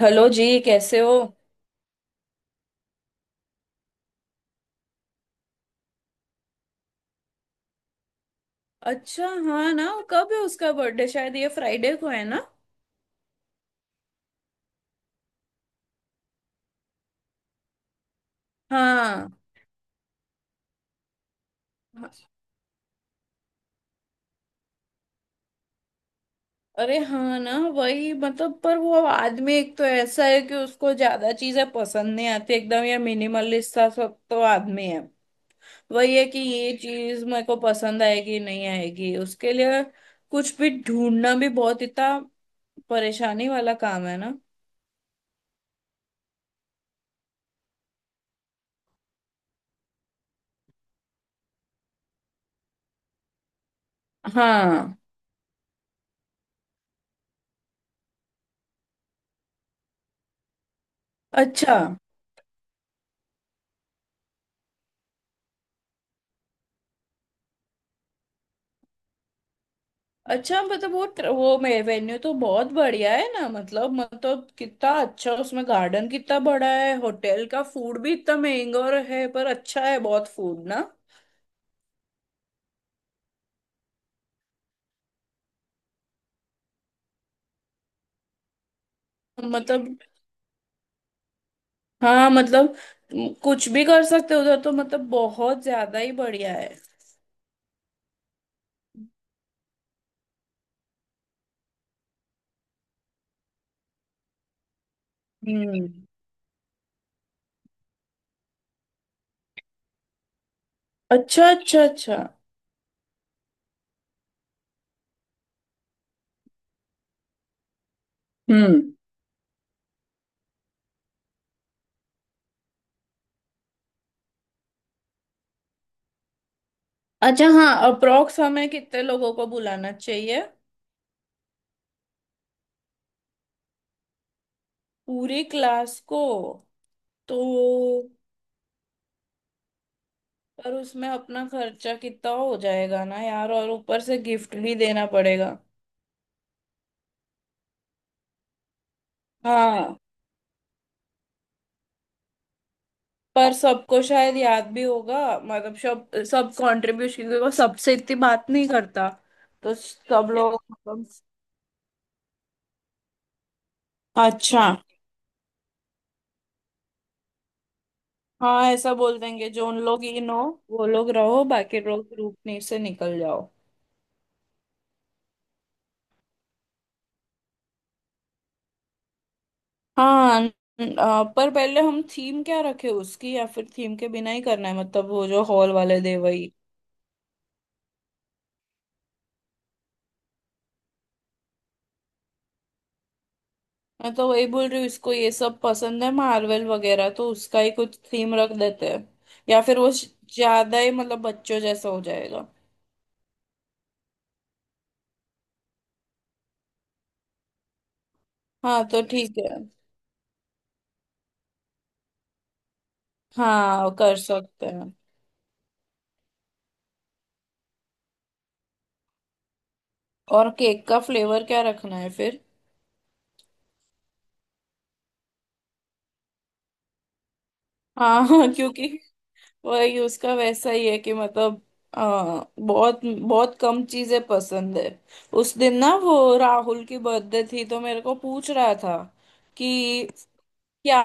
Hello जी, कैसे हो? अच्छा, हाँ ना, कब है उसका बर्थडे? शायद ये फ्राइडे को है ना? हाँ। हाँ, अरे हाँ ना, वही मतलब। पर वो आदमी एक तो ऐसा है कि उसको ज्यादा चीजें पसंद नहीं आती। एकदम ये मिनिमलिस्ट सा सब तो आदमी है। वही है कि ये चीज मेरे को पसंद आएगी नहीं आएगी। उसके लिए कुछ भी ढूंढना भी बहुत इतना परेशानी वाला काम है ना। हाँ। अच्छा, अच्छा मतलब वो वो मे वेन्यू तो बहुत बढ़िया है ना। मतलब कितना अच्छा, उसमें गार्डन कितना बड़ा है, होटल का फूड भी इतना महंगा और है पर अच्छा है बहुत फूड ना। मतलब हाँ मतलब कुछ भी कर सकते हो उधर तो। मतलब बहुत ज्यादा ही बढ़िया है। हम्म। अच्छा, अच्छा, अच्छा। हम्म। अच्छा हाँ, अप्रोक्स हमें कितने लोगों को बुलाना चाहिए? पूरी क्लास को? तो पर उसमें अपना खर्चा कितना हो जाएगा ना यार, और ऊपर से गिफ्ट भी देना पड़ेगा। हाँ, पर सबको शायद याद भी होगा, मतलब सब सब कंट्रीब्यूशन, क्योंकि वो सबसे इतनी बात नहीं करता। तो सब लोग मतलब। अच्छा हाँ, ऐसा बोल देंगे जो उन लोग इन हो वो लोग रहो, बाकी लोग ग्रुप में से निकल जाओ। हाँ पर पहले हम थीम क्या रखे उसकी, या फिर थीम के बिना ही करना है? मतलब वो जो हॉल वाले दे वही। मैं तो वही बोल रही हूँ, इसको ये सब पसंद है, मार्वल वगैरह, तो उसका ही कुछ थीम रख देते हैं। या फिर वो ज्यादा ही मतलब बच्चों जैसा हो जाएगा। हाँ तो ठीक है। हाँ, कर सकते हैं। और केक का फ्लेवर क्या रखना है फिर? हाँ हाँ, क्योंकि वही उसका वैसा ही है कि मतलब बहुत बहुत कम चीजें पसंद है। उस दिन ना वो राहुल की बर्थडे थी, तो मेरे को पूछ रहा था कि क्या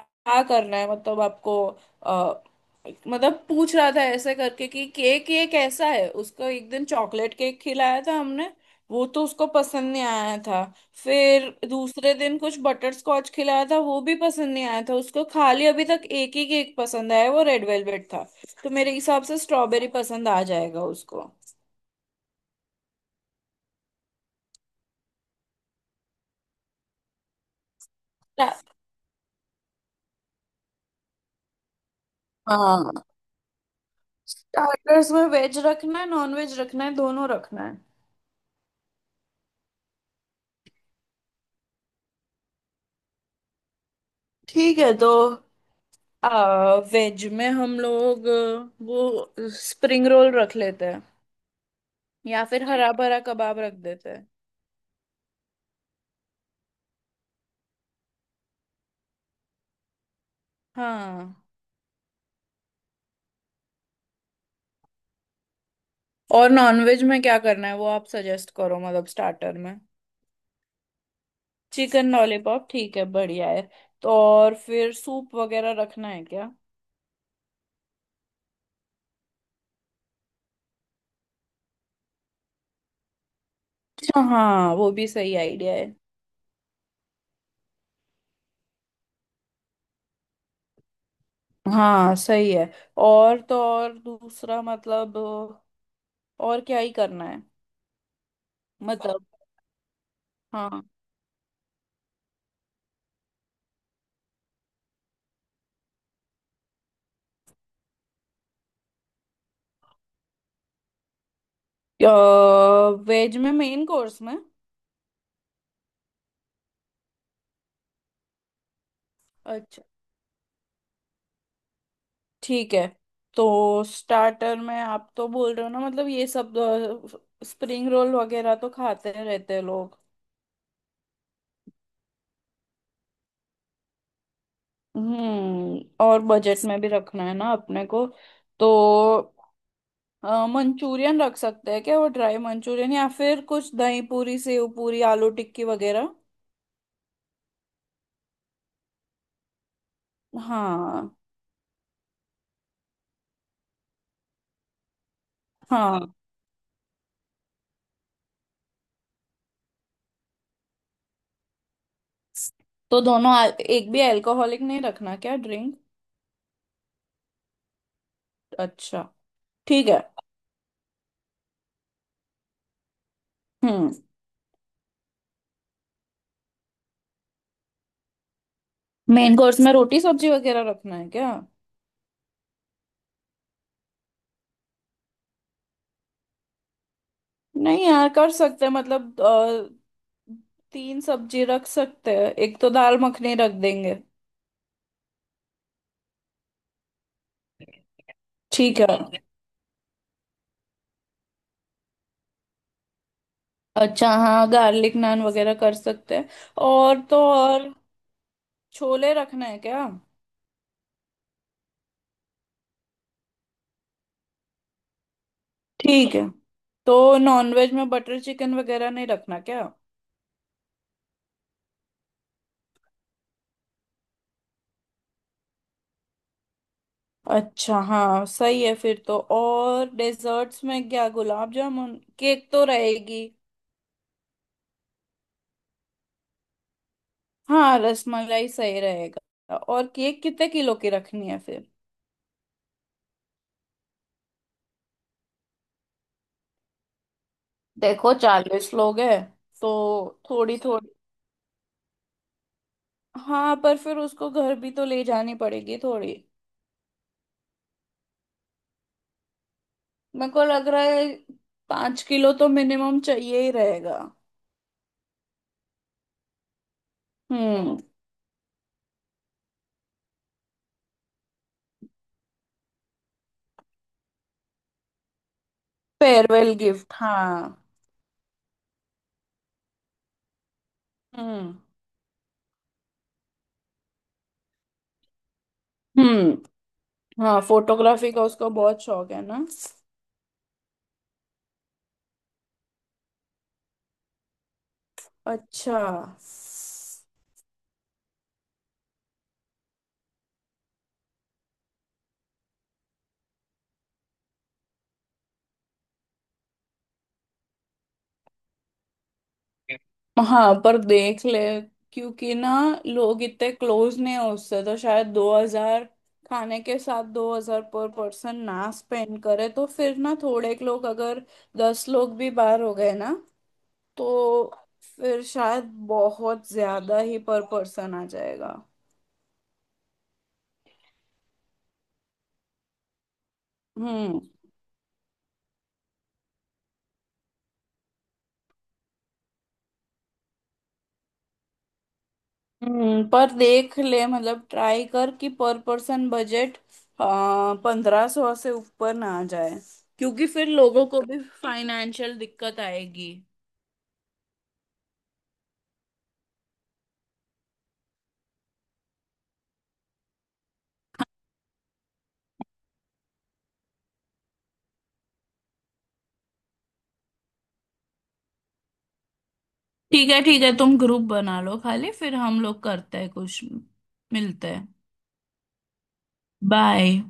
करना है मतलब आपको। अ, मतलब पूछ रहा था ऐसे करके कि केक ये कैसा है। उसको एक दिन चॉकलेट केक खिलाया था हमने, वो तो उसको पसंद नहीं आया था। फिर दूसरे दिन कुछ बटर स्कॉच खिलाया था, वो भी पसंद नहीं आया था उसको। खाली अभी तक एक ही केक पसंद आया, वो रेड वेलवेट था। तो मेरे हिसाब से स्ट्रॉबेरी पसंद आ जाएगा उसको। स्टा- हाँ, स्टार्टर्स में वेज रखना है, नॉन वेज रखना है, दोनों रखना है? ठीक है। तो वेज में हम लोग वो स्प्रिंग रोल रख लेते हैं, या फिर हरा भरा कबाब रख देते हैं। हाँ। और नॉनवेज में क्या करना है वो आप सजेस्ट करो, मतलब स्टार्टर में। चिकन लॉलीपॉप ठीक है, बढ़िया है। तो और फिर सूप वगैरह रखना है क्या? अच्छा हाँ, वो भी सही आइडिया है। हाँ सही है। और तो और दूसरा मतलब और क्या ही करना है मतलब। हाँ वेज में मेन कोर्स में। अच्छा ठीक है। तो स्टार्टर में आप तो बोल रहे हो ना, मतलब ये सब स्प्रिंग रोल वगैरह तो खाते रहते हैं लोग। हम्म। और बजट में भी रखना है ना अपने को। तो मंचूरियन रख सकते हैं क्या? वो ड्राई मंचूरियन, या फिर कुछ दही पूरी, सेव पूरी, आलू टिक्की वगैरह। हाँ। हाँ, तो दोनों एक भी अल्कोहलिक नहीं रखना क्या ड्रिंक? अच्छा ठीक है। हम्म। मेन कोर्स में रोटी सब्जी वगैरह रखना है क्या? नहीं यार, कर सकते हैं, मतलब तीन सब्जी रख सकते हैं, एक तो दाल मखनी रख देंगे। ठीक है। अच्छा हाँ, गार्लिक नान वगैरह कर सकते हैं। और तो और छोले रखना है क्या? ठीक है। तो नॉनवेज में बटर चिकन वगैरह नहीं रखना क्या? अच्छा हाँ सही है। फिर तो और डेजर्ट्स में क्या, गुलाब जामुन? केक तो रहेगी। हाँ रसमलाई सही रहेगा। और केक कितने किलो की रखनी है फिर? देखो 40 लोग हैं, तो थोड़ी थोड़ी। हाँ, पर फिर उसको घर भी तो ले जानी पड़ेगी थोड़ी। मेरे को लग रहा है 5 किलो तो मिनिमम चाहिए ही रहेगा। हम्म। फेयरवेल गिफ्ट, हाँ। हम्म। हम्म। हाँ, फोटोग्राफी का उसको बहुत शौक है ना। अच्छा। हाँ, पर देख ले, क्योंकि ना लोग इतने क्लोज नहीं है उससे, तो शायद 2000, खाने के साथ 2000 पर पर्सन ना स्पेंड करे, तो फिर ना थोड़े लोग अगर 10 लोग भी बाहर हो गए ना, तो फिर शायद बहुत ज्यादा ही पर पर्सन आ जाएगा। हम्म। पर देख ले मतलब ट्राई कर कि पर पर्सन बजट 1500 से ऊपर ना आ जाए, क्योंकि फिर लोगों को भी फाइनेंशियल दिक्कत आएगी। ठीक है, ठीक है, तुम ग्रुप बना लो खाली, फिर हम लोग करते हैं कुछ। मिलते हैं। बाय।